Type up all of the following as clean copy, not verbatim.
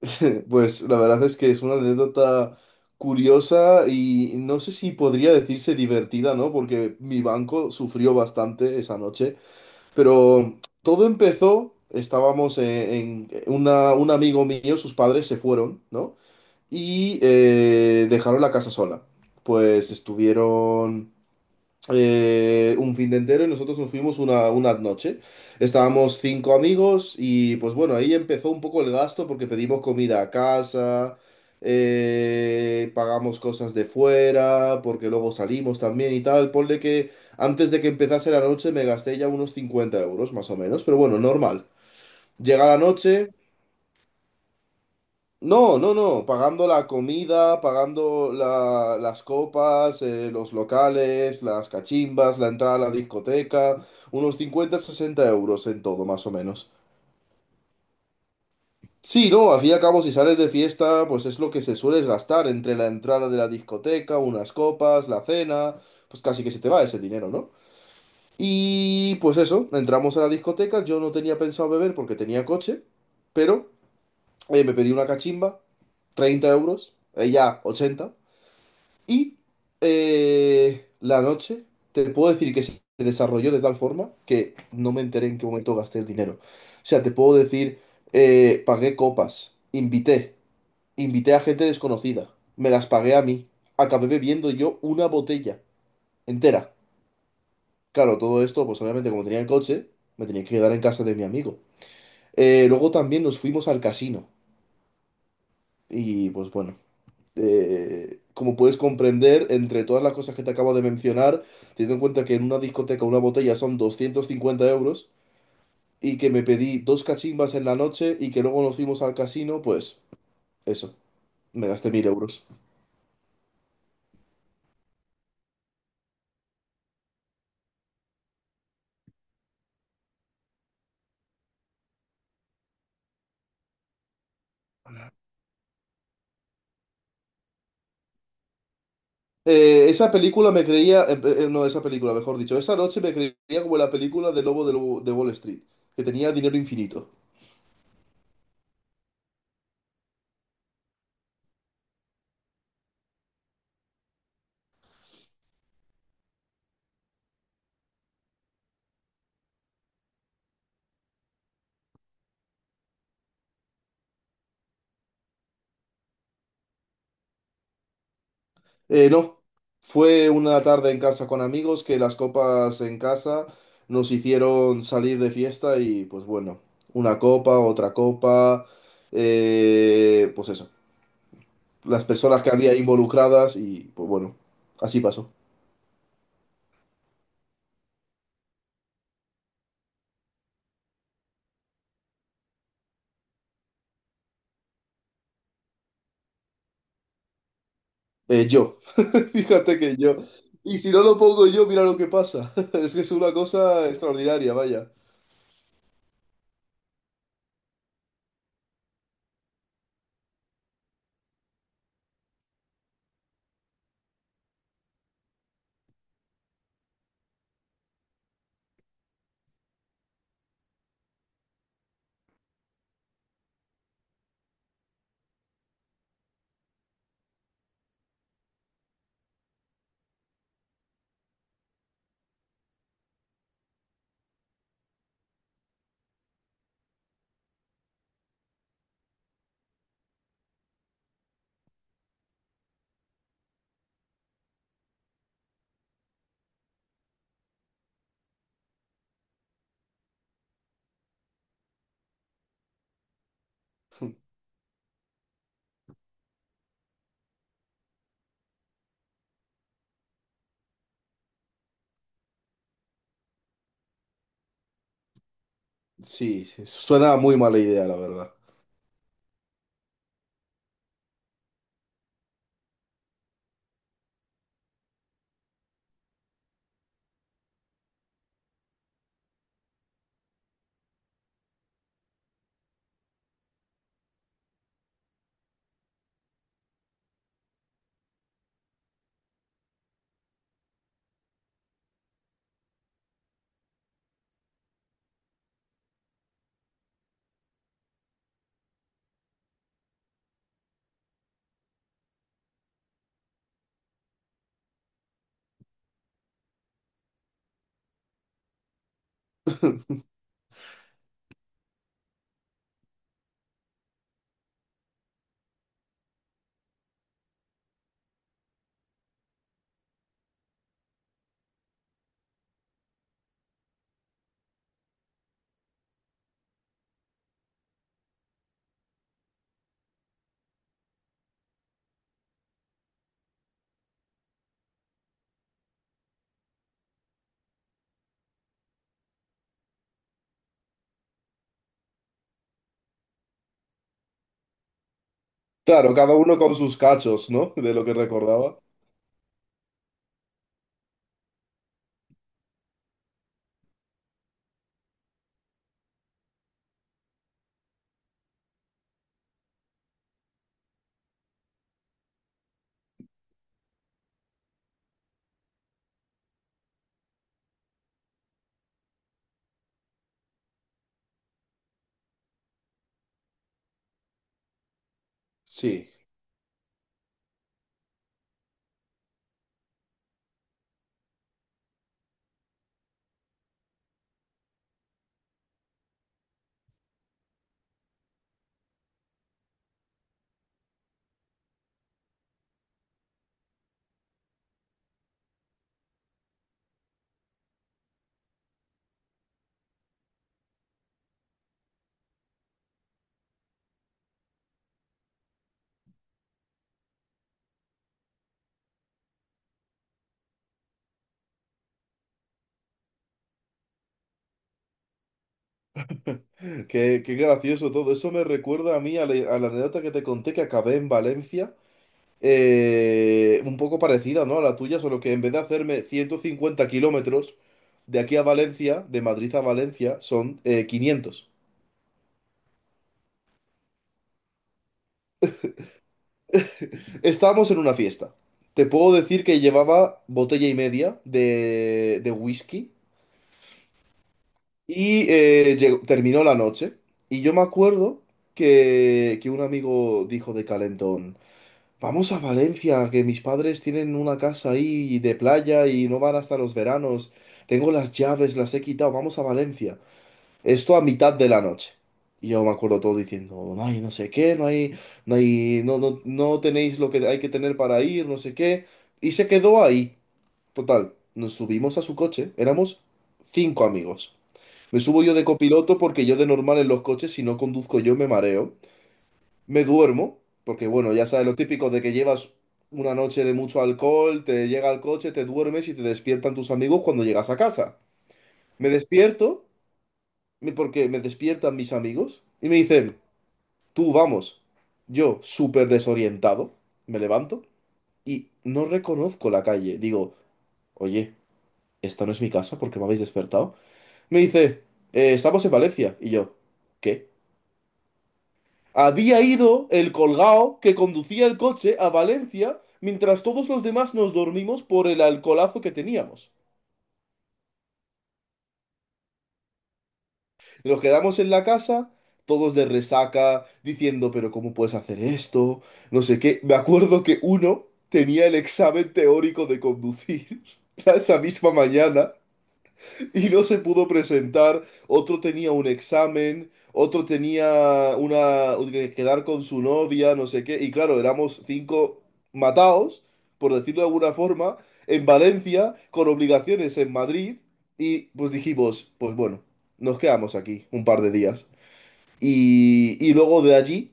Pues la verdad es que es una anécdota curiosa y no sé si podría decirse divertida, ¿no? Porque mi banco sufrió bastante esa noche, pero todo empezó, estábamos un amigo mío, sus padres se fueron, ¿no? Y dejaron la casa sola. Pues estuvieron un fin de entero y nosotros nos fuimos una noche. Estábamos cinco amigos y pues bueno, ahí empezó un poco el gasto porque pedimos comida a casa, pagamos cosas de fuera, porque luego salimos también y tal. Ponle que antes de que empezase la noche me gasté ya unos 50 euros más o menos, pero bueno, normal. Llega la noche. No, no, no, pagando la comida, pagando las copas, los locales, las cachimbas, la entrada a la discoteca, unos 50-60 euros en todo, más o menos. Sí, no, al fin y al cabo, si sales de fiesta, pues es lo que se sueles gastar entre la entrada de la discoteca, unas copas, la cena, pues casi que se te va ese dinero, ¿no? Y pues eso, entramos a la discoteca, yo no tenía pensado beber porque tenía coche, pero me pedí una cachimba, 30 euros, ella 80. Y la noche, te puedo decir que se desarrolló de tal forma que no me enteré en qué momento gasté el dinero. O sea, te puedo decir, pagué copas, invité, invité a gente desconocida, me las pagué a mí, acabé bebiendo yo una botella entera. Claro, todo esto, pues obviamente como tenía el coche, me tenía que quedar en casa de mi amigo. Luego también nos fuimos al casino y pues bueno. Como puedes comprender, entre todas las cosas que te acabo de mencionar, teniendo en cuenta que en una discoteca una botella son 250 euros y que me pedí dos cachimbas en la noche y que luego nos fuimos al casino, pues eso, me gasté 1.000 euros. Esa película me creía, no, esa película, mejor dicho, esa noche me creía como la película del lobo de Wall Street, que tenía dinero infinito. No, fue una tarde en casa con amigos que las copas en casa nos hicieron salir de fiesta y pues bueno, una copa, otra copa, pues eso, las personas que había involucradas y pues bueno, así pasó. Yo, fíjate que yo. Y si no lo pongo yo, mira lo que pasa. Es que es una cosa extraordinaria, vaya. Sí, sí, suena muy mala idea, la verdad. Claro, cada uno con sus cachos, ¿no? De lo que recordaba. Sí. Qué, qué gracioso todo. Eso me recuerda a mí a la anécdota que te conté que acabé en Valencia, un poco parecida, ¿no? A la tuya, solo que en vez de hacerme 150 kilómetros de aquí a Valencia, de Madrid a Valencia, son 500. Estábamos en una fiesta. Te puedo decir que llevaba botella y media de whisky y terminó la noche. Y yo me acuerdo que un amigo dijo de calentón. Vamos a Valencia, que mis padres tienen una casa ahí de playa y no van hasta los veranos. Tengo las llaves, las he quitado, vamos a Valencia. Esto a mitad de la noche. Y yo me acuerdo todo diciendo, no hay no sé qué, no hay, no, no, no tenéis lo que hay que tener para ir, no sé qué. Y se quedó ahí. Total, nos subimos a su coche, éramos cinco amigos. Me subo yo de copiloto porque yo de normal en los coches, si no conduzco yo, me mareo. Me duermo, porque bueno, ya sabes lo típico de que llevas una noche de mucho alcohol, te llega al coche, te duermes y te despiertan tus amigos cuando llegas a casa. Me despierto, porque me despiertan mis amigos y me dicen, tú vamos. Yo, súper desorientado, me levanto y no reconozco la calle. Digo, oye, esta no es mi casa porque me habéis despertado. Me dice, Estamos en Valencia". Y yo, ¿qué? Había ido el colgao que conducía el coche a Valencia mientras todos los demás nos dormimos por el alcoholazo que teníamos. Nos quedamos en la casa, todos de resaca, diciendo, pero ¿cómo puedes hacer esto? No sé qué. Me acuerdo que uno tenía el examen teórico de conducir esa misma mañana. Y no se pudo presentar, otro tenía un examen, otro tenía una que quedar con su novia, no sé qué, y claro, éramos cinco mataos, por decirlo de alguna forma, en Valencia, con obligaciones en Madrid, y pues dijimos, pues bueno, nos quedamos aquí un par de días. Y luego de allí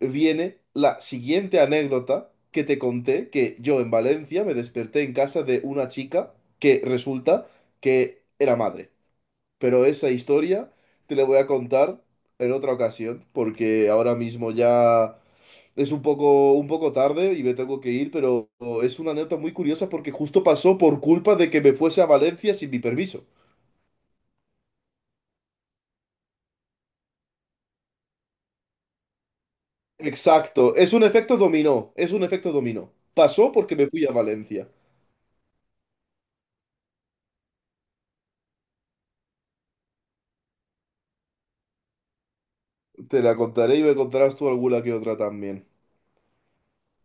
viene la siguiente anécdota que te conté, que yo en Valencia me desperté en casa de una chica que resulta que era madre. Pero esa historia te la voy a contar en otra ocasión, porque ahora mismo ya es un poco tarde y me tengo que ir, pero es una anécdota muy curiosa porque justo pasó por culpa de que me fuese a Valencia sin mi permiso. Exacto, es un efecto dominó, es un efecto dominó. Pasó porque me fui a Valencia. Te la contaré y me contarás tú alguna que otra también.